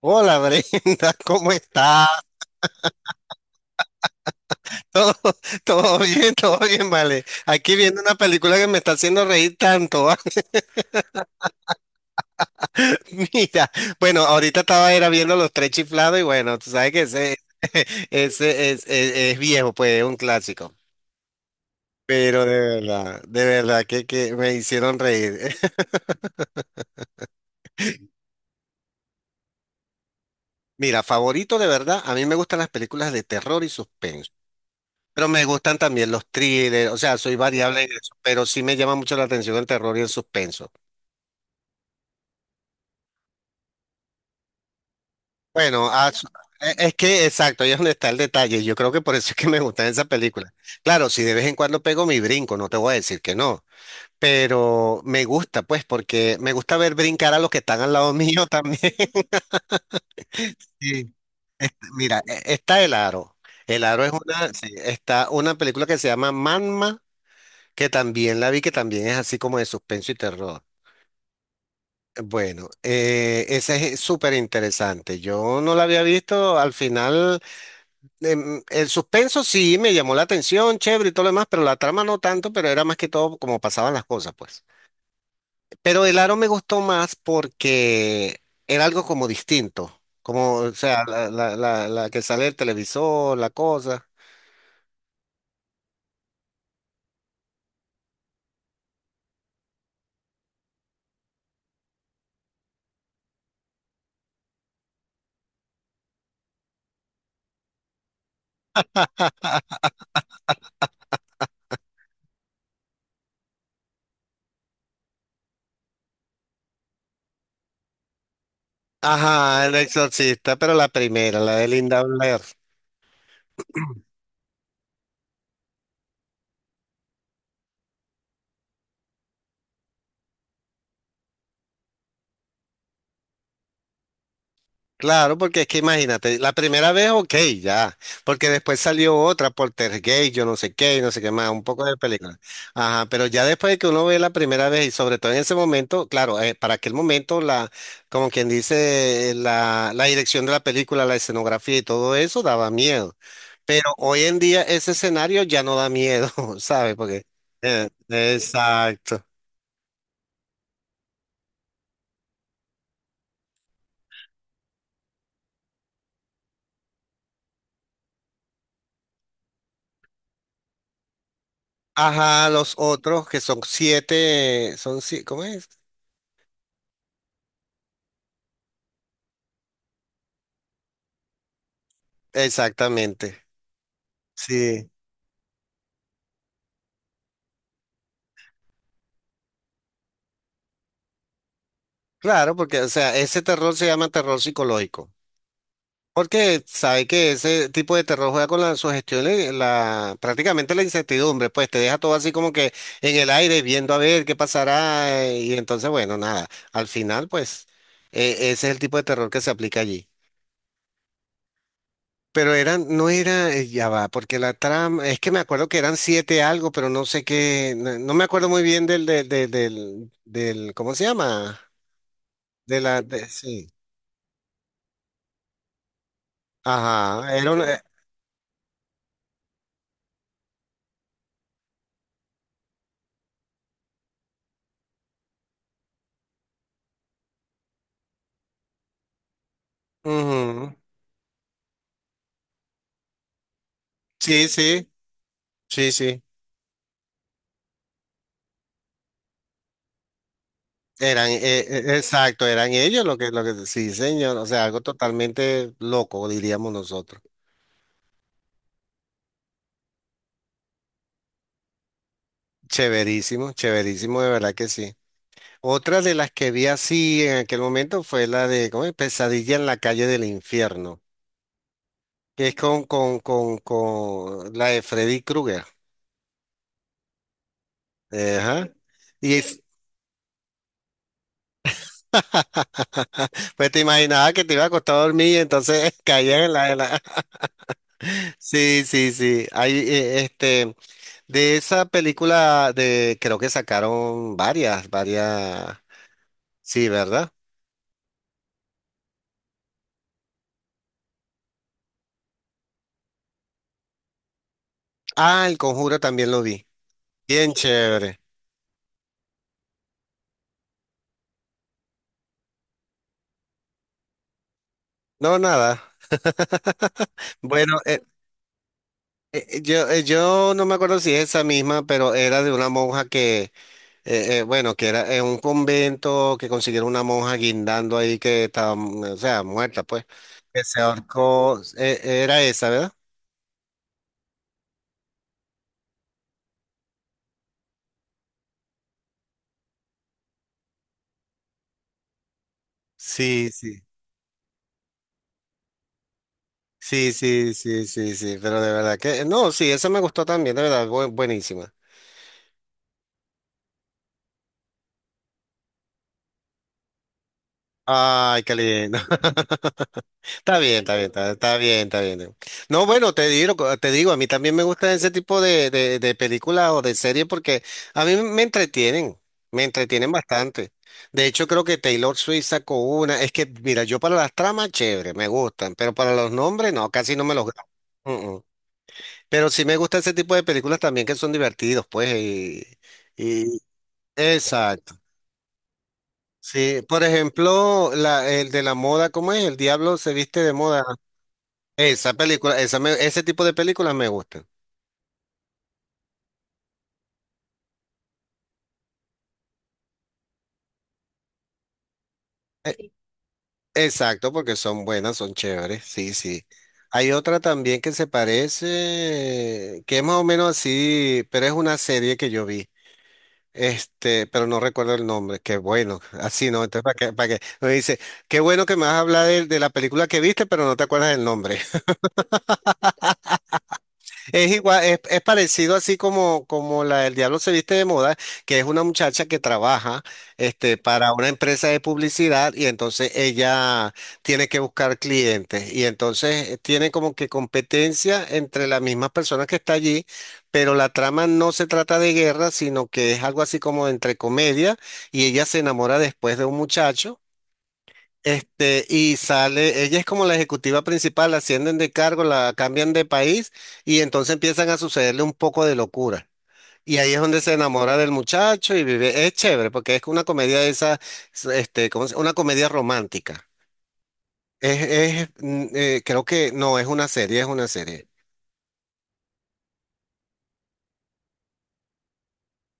Hola Brenda, ¿cómo estás? Todo, todo bien, vale. Aquí viendo una película que me está haciendo reír tanto. Mira, bueno, ahorita estaba era viendo Los Tres Chiflados y bueno, tú sabes que ese, ese es viejo, pues es un clásico. Pero de verdad que me hicieron reír. Mira, favorito de verdad, a mí me gustan las películas de terror y suspenso. Pero me gustan también los thrillers, o sea, soy variable en eso, pero sí me llama mucho la atención el terror y el suspenso. Bueno, es que exacto, ahí es donde está el detalle. Yo creo que por eso es que me gustan esas películas. Claro, si de vez en cuando pego mi brinco, no te voy a decir que no, pero me gusta, pues, porque me gusta ver brincar a los que están al lado mío también. Sí. Mira, está El Aro. El Aro es una, sí, está una película que se llama Manma, que también la vi, que también es así como de suspenso y terror. Bueno, esa es súper interesante. Yo no la había visto al final. El suspenso sí me llamó la atención, chévere y todo lo demás, pero la trama no tanto, pero era más que todo como pasaban las cosas, pues. Pero el aro me gustó más porque era algo como distinto, como, o sea, la que sale el televisor, la cosa. Ajá, el exorcista, pero la primera, la de Linda Blair. Claro, porque es que imagínate, la primera vez, ok, ya, porque después salió otra, Poltergeist, yo no sé qué, y no sé qué más, un poco de película. Ajá, pero ya después de que uno ve la primera vez y sobre todo en ese momento, claro, para aquel momento, la, como quien dice, la, la dirección de la película, la escenografía y todo eso daba miedo. Pero hoy en día ese escenario ya no da miedo, ¿sabes? Exacto. Ajá, los otros que son siete, ¿cómo es? Exactamente. Sí, claro, porque, o sea, ese terror se llama terror psicológico. Porque sabe que ese tipo de terror juega con la sugestión, prácticamente la incertidumbre, pues te deja todo así como que en el aire, viendo a ver qué pasará, y entonces, bueno, nada, al final, pues, ese es el tipo de terror que se aplica allí. Pero eran, no era, ya va, porque la trama, es que me acuerdo que eran siete algo, pero no sé qué, no, no me acuerdo muy bien del ¿cómo se llama? De la, sí. Ajá, era una... ujú. Sí, sí, sí, sí. Eran, exacto, eran ellos lo que, sí, señor, o sea, algo totalmente loco, diríamos nosotros. Chéverísimo, chéverísimo, de verdad que sí. Otra de las que vi así en aquel momento fue la de, ¿cómo es? Pesadilla en la calle del infierno, que es con la de Freddy Krueger. Ajá. Y es- pues te imaginaba que te iba a costar dormir y entonces caían en la- Sí, sí, sí. Hay, de esa película de, creo que sacaron varias, varias. Sí, ¿verdad? Ah, El Conjuro también lo vi. Bien chévere. No, nada. Bueno, yo, yo no me acuerdo si es esa misma, pero era de una monja que, bueno, que era en un convento que consiguieron una monja guindando ahí que estaba, mm, o sea, muerta, pues, que se ahorcó. Era esa, ¿verdad? Sí, sí. Sí, sí, sí, sí, sí, pero de verdad que, no, sí, esa me gustó también, de verdad, buenísima. Ay, qué lindo. Está bien, está bien, está bien. No, bueno, te digo, a mí también me gusta ese tipo de películas o de series porque a mí me entretienen bastante. De hecho, creo que Taylor Swift sacó una. Es que, mira, yo para las tramas, chévere, me gustan, pero para los nombres, no, casi no me los grabo. Mm, mm. Pero sí me gusta ese tipo de películas también que son divertidos, pues, y. Exacto. Sí, por ejemplo, la, el de la moda, ¿cómo es? El diablo se viste de moda. Esa película, ese tipo de películas me gustan. Sí. Exacto, porque son buenas, son chéveres. Sí, sí. Hay otra también que se parece, que es más o menos así, pero es una serie que yo vi. Este, pero no recuerdo el nombre. Qué bueno, así no. Entonces, ¿para qué? ¿Para qué? Me dice, qué bueno que me vas a hablar de la película que viste, pero no te acuerdas del nombre. Es igual, es parecido así como, como la del Diablo se viste de moda, que es una muchacha que trabaja este, para una empresa de publicidad y entonces ella tiene que buscar clientes y entonces tiene como que competencia entre las mismas personas que está allí, pero la trama no se trata de guerra, sino que es algo así como entre comedia y ella se enamora después de un muchacho. Este, y sale, ella es como la ejecutiva principal, la ascienden de cargo, la cambian de país y entonces empiezan a sucederle un poco de locura. Y ahí es donde se enamora del muchacho y vive. Es chévere porque es una comedia de esa, este, ¿cómo Una comedia romántica. Es, mm, creo que, no, es una serie, es una serie.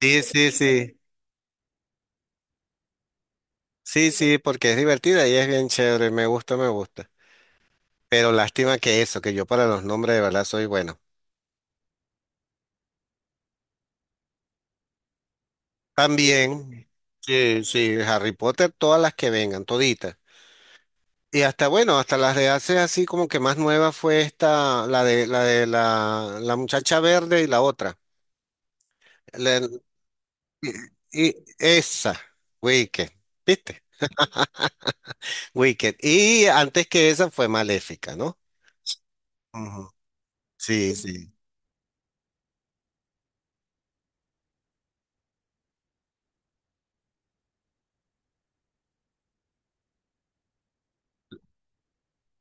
Sí, sí, sí. Sí, sí, porque es divertida y es bien chévere, me gusta, me gusta. Pero lástima que eso, que yo para los nombres de verdad soy bueno. También, sí, sí, Harry Potter, todas las que vengan, toditas. Y hasta, bueno, hasta las de hace así como que más nueva fue esta, la de la muchacha verde y la otra. La- y esa, Wicked, ¿viste? Wicked. Y antes que esa fue Maléfica, ¿no? Ujú. Sí, sí.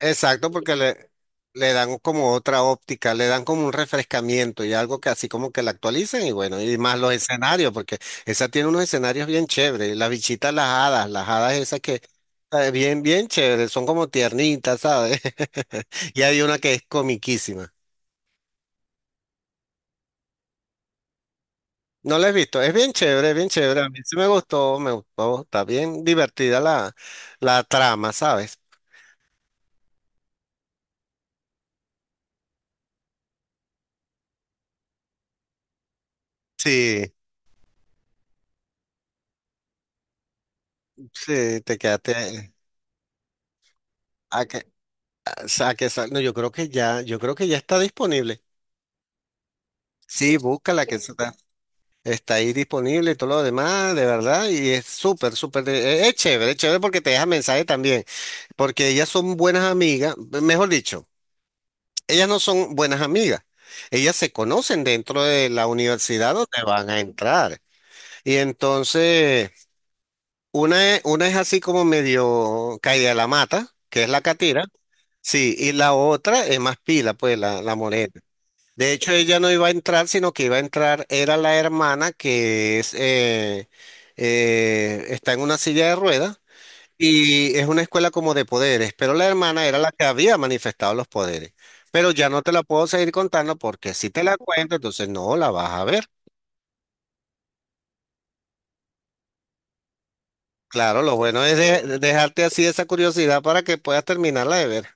Exacto, porque le dan como otra óptica, le dan como un refrescamiento y algo que así como que la actualicen y bueno, y más los escenarios, porque esa tiene unos escenarios bien chéveres, las bichitas, las hadas esas que bien chéveres, son como tiernitas, ¿sabes? Y hay una que es comiquísima. No la he visto, es bien chévere, a mí sí me gustó, está bien divertida la, la trama, ¿sabes? Sí, sí, te quedaste. No, yo creo que ya, yo creo que ya está disponible. Sí, búscala que está, está ahí disponible y todo lo demás, de verdad, y es súper, súper, es chévere porque te deja mensaje también, porque ellas son buenas amigas, mejor dicho, ellas no son buenas amigas, ellas se conocen dentro de la universidad donde van a entrar, y entonces una es así como medio caída de la mata, que es la catira, sí, y la otra es más pila, pues la morena. De hecho, ella no iba a entrar, sino que iba a entrar, era la hermana que es, está en una silla de ruedas y es una escuela como de poderes, pero la hermana era la que había manifestado los poderes. Pero ya no te la puedo seguir contando porque si te la cuento, entonces no la vas a ver. Claro, lo bueno es de dejarte así esa curiosidad para que puedas terminarla de ver.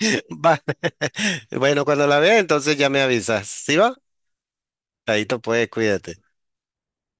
Vale. Bueno, cuando la veas, entonces ya me avisas. ¿Sí va? Ahí te puedes, cuídate.